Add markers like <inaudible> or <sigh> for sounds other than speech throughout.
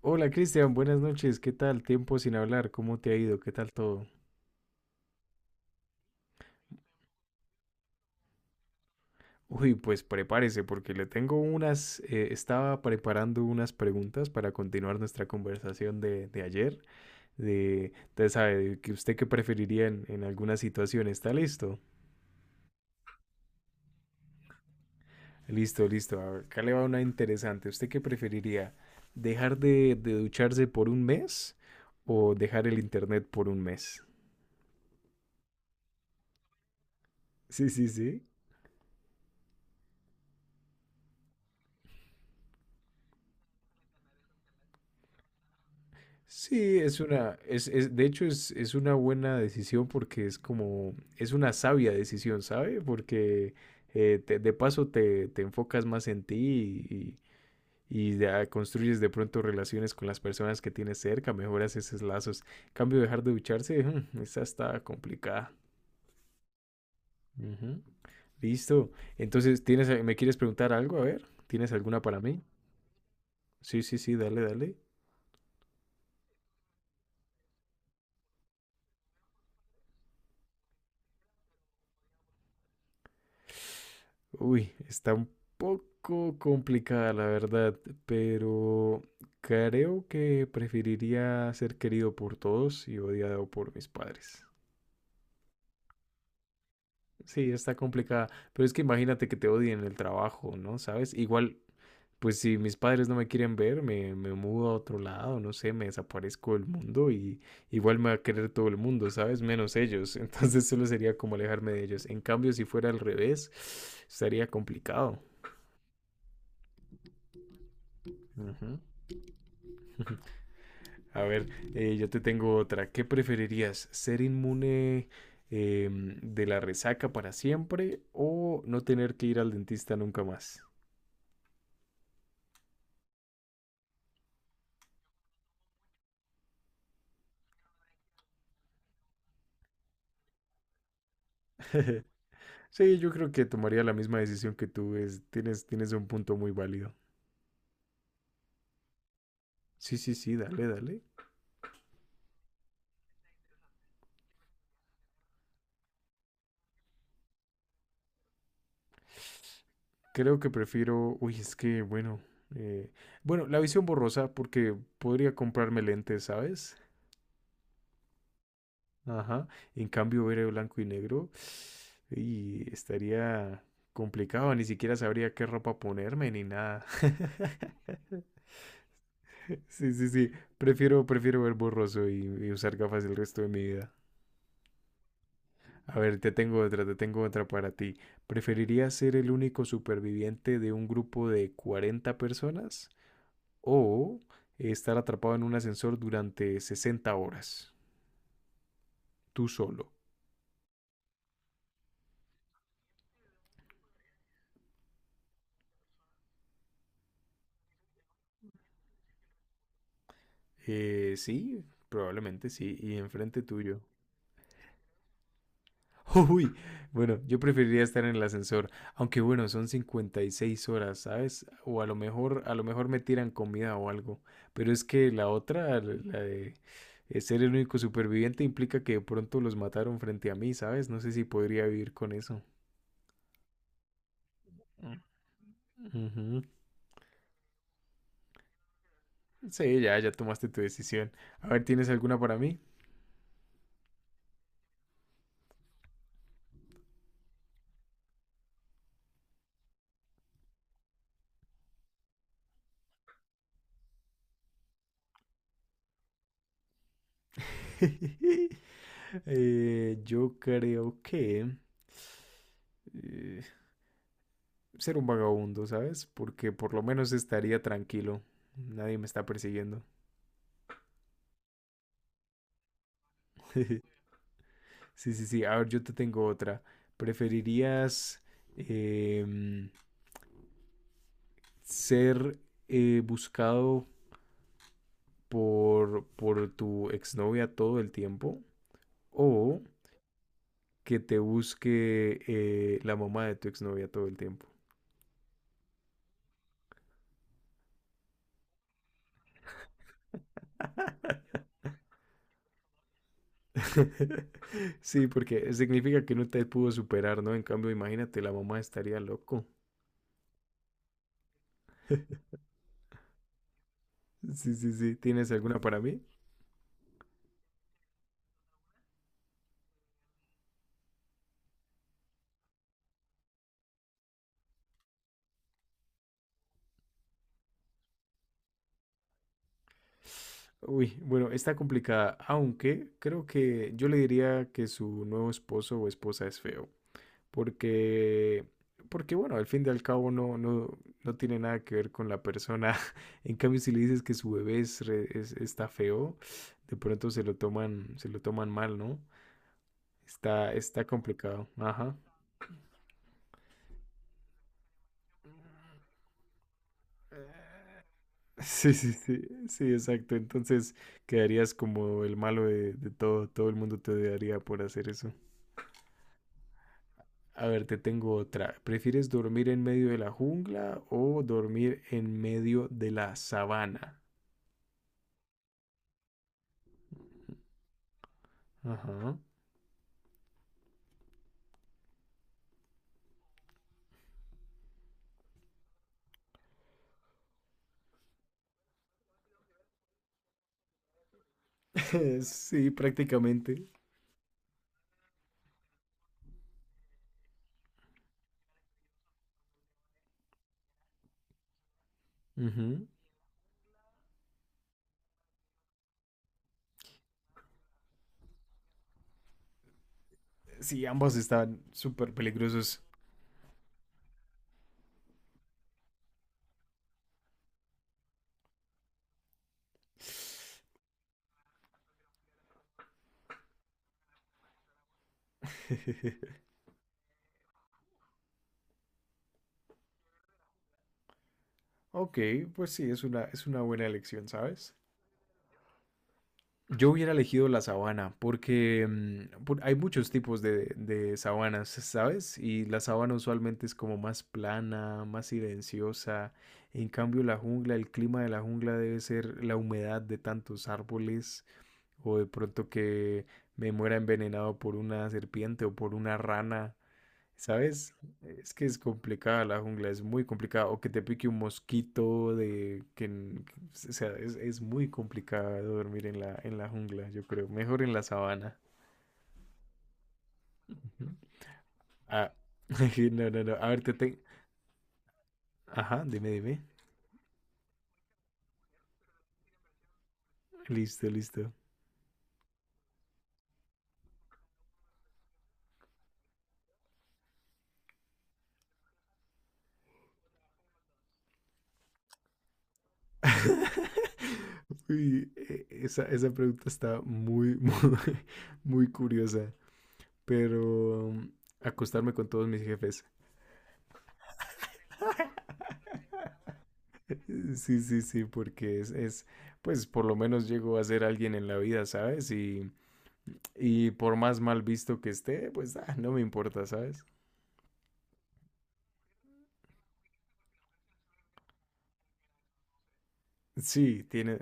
Hola Cristian, buenas noches, ¿qué tal? Tiempo sin hablar, ¿cómo te ha ido? ¿Qué tal todo? Uy, pues prepárese porque le tengo estaba preparando unas preguntas para continuar nuestra conversación de ayer, usted sabe, de que usted qué preferiría en alguna situación, ¿está listo? Listo, listo, a ver, acá le va una interesante, ¿usted qué preferiría? ¿Dejar de ducharse por un mes o dejar el internet por un mes? Sí, sí, sí. Sí, es una, es- de hecho es una buena decisión porque es como, es una sabia decisión, ¿sabe? Porque de paso te enfocas más en ti y, y ya construyes de pronto relaciones con las personas que tienes cerca, mejoras esos lazos. En cambio, dejar de ducharse, esa está complicada. Ujú. Listo. Entonces, me quieres preguntar algo? A ver, ¿tienes alguna para mí? Sí, sí, sí, dale, dale. Uy, está un poco complicada la verdad, pero creo que preferiría ser querido por todos y odiado por mis padres. Sí, está complicada, pero es que imagínate que te odien en el trabajo, ¿no? ¿Sabes? Igual, pues si mis padres no me quieren ver, me mudo a otro lado, no sé, me desaparezco del mundo y igual me va a querer todo el mundo, ¿sabes? Menos ellos. <laughs> Entonces solo sería como alejarme de ellos. En cambio, si fuera al revés, estaría complicado. Ujú. A ver, yo te tengo otra. ¿Qué preferirías? ¿Ser inmune de la resaca para siempre o no tener que ir al dentista nunca más? <laughs> Sí, yo creo que tomaría la misma decisión que tú. Tienes un punto muy válido. Sí, sí, sí, dale, dale. Creo que prefiero. Uy, es que, bueno. Eh, bueno, la visión borrosa porque podría comprarme lentes, ¿sabes? Ajá. En cambio, ver el blanco y negro y estaría complicado, ni siquiera sabría qué ropa ponerme ni nada. <laughs> Sí, sí, sí. Prefiero ver borroso y usar gafas el resto de mi vida. A ver, te tengo otra para ti. ¿Preferirías ser el único superviviente de un grupo de 40 personas o estar atrapado en un ascensor durante 60 horas, tú solo? Sí, probablemente sí, y enfrente tuyo. <laughs> Uy, bueno, yo preferiría estar en el ascensor, aunque bueno, son 56 horas, ¿sabes? O a lo mejor me tiran comida o algo, pero es que la otra, la la de ser el único superviviente implica que de pronto los mataron frente a mí, ¿sabes? No sé si podría vivir con eso. Mm. Ujú. Sí, ya tomaste tu decisión. A ver, ¿tienes alguna para mí? <laughs> Yo creo que eh, ser un vagabundo, ¿sabes? Porque por lo menos estaría tranquilo. Nadie me está persiguiendo. <laughs> Sí, sí, sí. A ver, yo te tengo otra. ¿Preferirías em, ser buscado por tu exnovia todo el tiempo o que te busque la mamá de tu exnovia todo el tiempo? <laughs> <laughs> Sí, porque significa que no te pudo superar, ¿no? En cambio, imagínate, la mamá estaría loco. Sí, sí, sí. ¿Tienes alguna para mí? Uy, bueno, está complicada, aunque creo que yo le diría que su nuevo esposo o esposa es feo. Porque, porque bueno, al fin y al cabo no tiene nada que ver con la persona. <laughs> En cambio, si le dices que su bebé está feo, de pronto se lo toman mal, ¿no? Está complicado. Ajá. <laughs> Sí, sí, sí, sí, exacto. Entonces quedarías como el malo de todo. Todo el mundo te odiaría por hacer eso. A ver, te tengo otra. ¿Prefieres dormir en medio de la jungla o dormir en medio de la sabana? Ajá. <laughs> Sí, prácticamente. Ujú. Sí, ambos están súper peligrosos. <laughs> Ok, pues sí, es una buena elección, ¿sabes? Yo hubiera elegido la sabana porque hay muchos tipos de sabanas, ¿sabes? Y la sabana usualmente es como más plana, más silenciosa. En cambio, la jungla, el clima de la jungla debe ser la humedad de tantos árboles o de pronto que me muera envenenado por una serpiente o por una rana. ¿Sabes? Es que es complicada la jungla, es muy complicada. O que te pique un mosquito de que, n- que- o sea, es muy complicado dormir en la jungla, yo creo. Mejor en la sabana. Ujú. Ah, <laughs> no, no, no. A ver, te tengo. Ajá, dime, dime. Listo, listo. <laughs> Uy, esa pregunta está muy, muy, <laughs> muy curiosa. Pero acostarme con todos mis jefes. <laughs> Sí, sí, sí, porque pues por lo menos llego a ser alguien en la vida, ¿sabes? Y por más mal visto que esté, pues ah, no me importa, ¿sabes? Sí,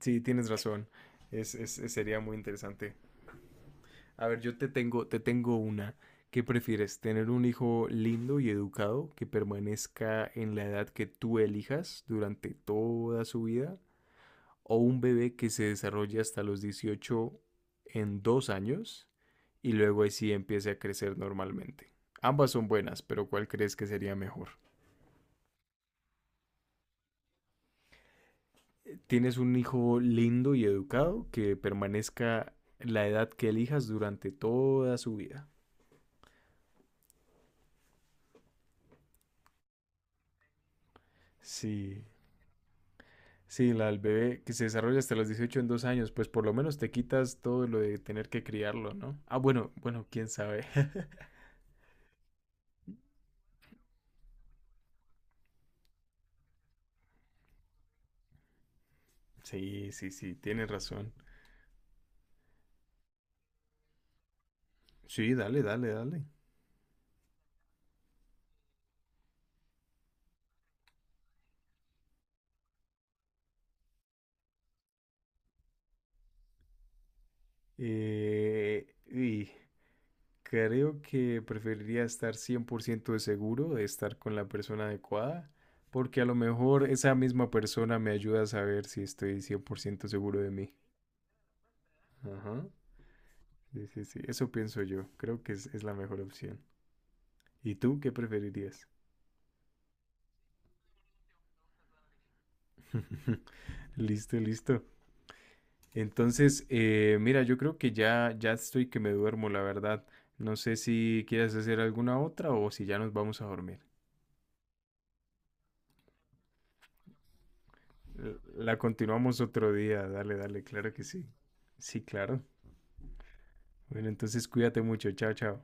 sí, tienes razón. Sería muy interesante. A ver, yo te tengo una. ¿Qué prefieres? ¿Tener un hijo lindo y educado que permanezca en la edad que tú elijas durante toda su vida o un bebé que se desarrolle hasta los 18 en 2 años y luego ahí sí empiece a crecer normalmente? Ambas son buenas, pero ¿cuál crees que sería mejor? Tienes un hijo lindo y educado que permanezca la edad que elijas durante toda su vida. Sí, sí, la del bebé que se desarrolla hasta los 18 en dos años, pues por lo menos te quitas todo lo de tener que criarlo, ¿no? Ah, bueno, bueno, quién sabe. <laughs> Sí, sí, sí, tienes razón. Sí, dale, dale, dale. Y creo que preferiría estar 100% de seguro de estar con la persona adecuada, porque a lo mejor esa misma persona me ayuda a saber si estoy 100% seguro de mí. Ajá. Sí, sí, sí. Eso pienso yo. Creo que es la mejor opción. ¿Y tú qué preferirías? <laughs> Listo, listo. Entonces, mira, yo creo que ya estoy que me duermo, la verdad. No sé si quieres hacer alguna otra o si ya nos vamos a dormir. La continuamos otro día. Dale, dale, claro que sí. Sí, claro. Bueno, entonces cuídate mucho. Chao, chao.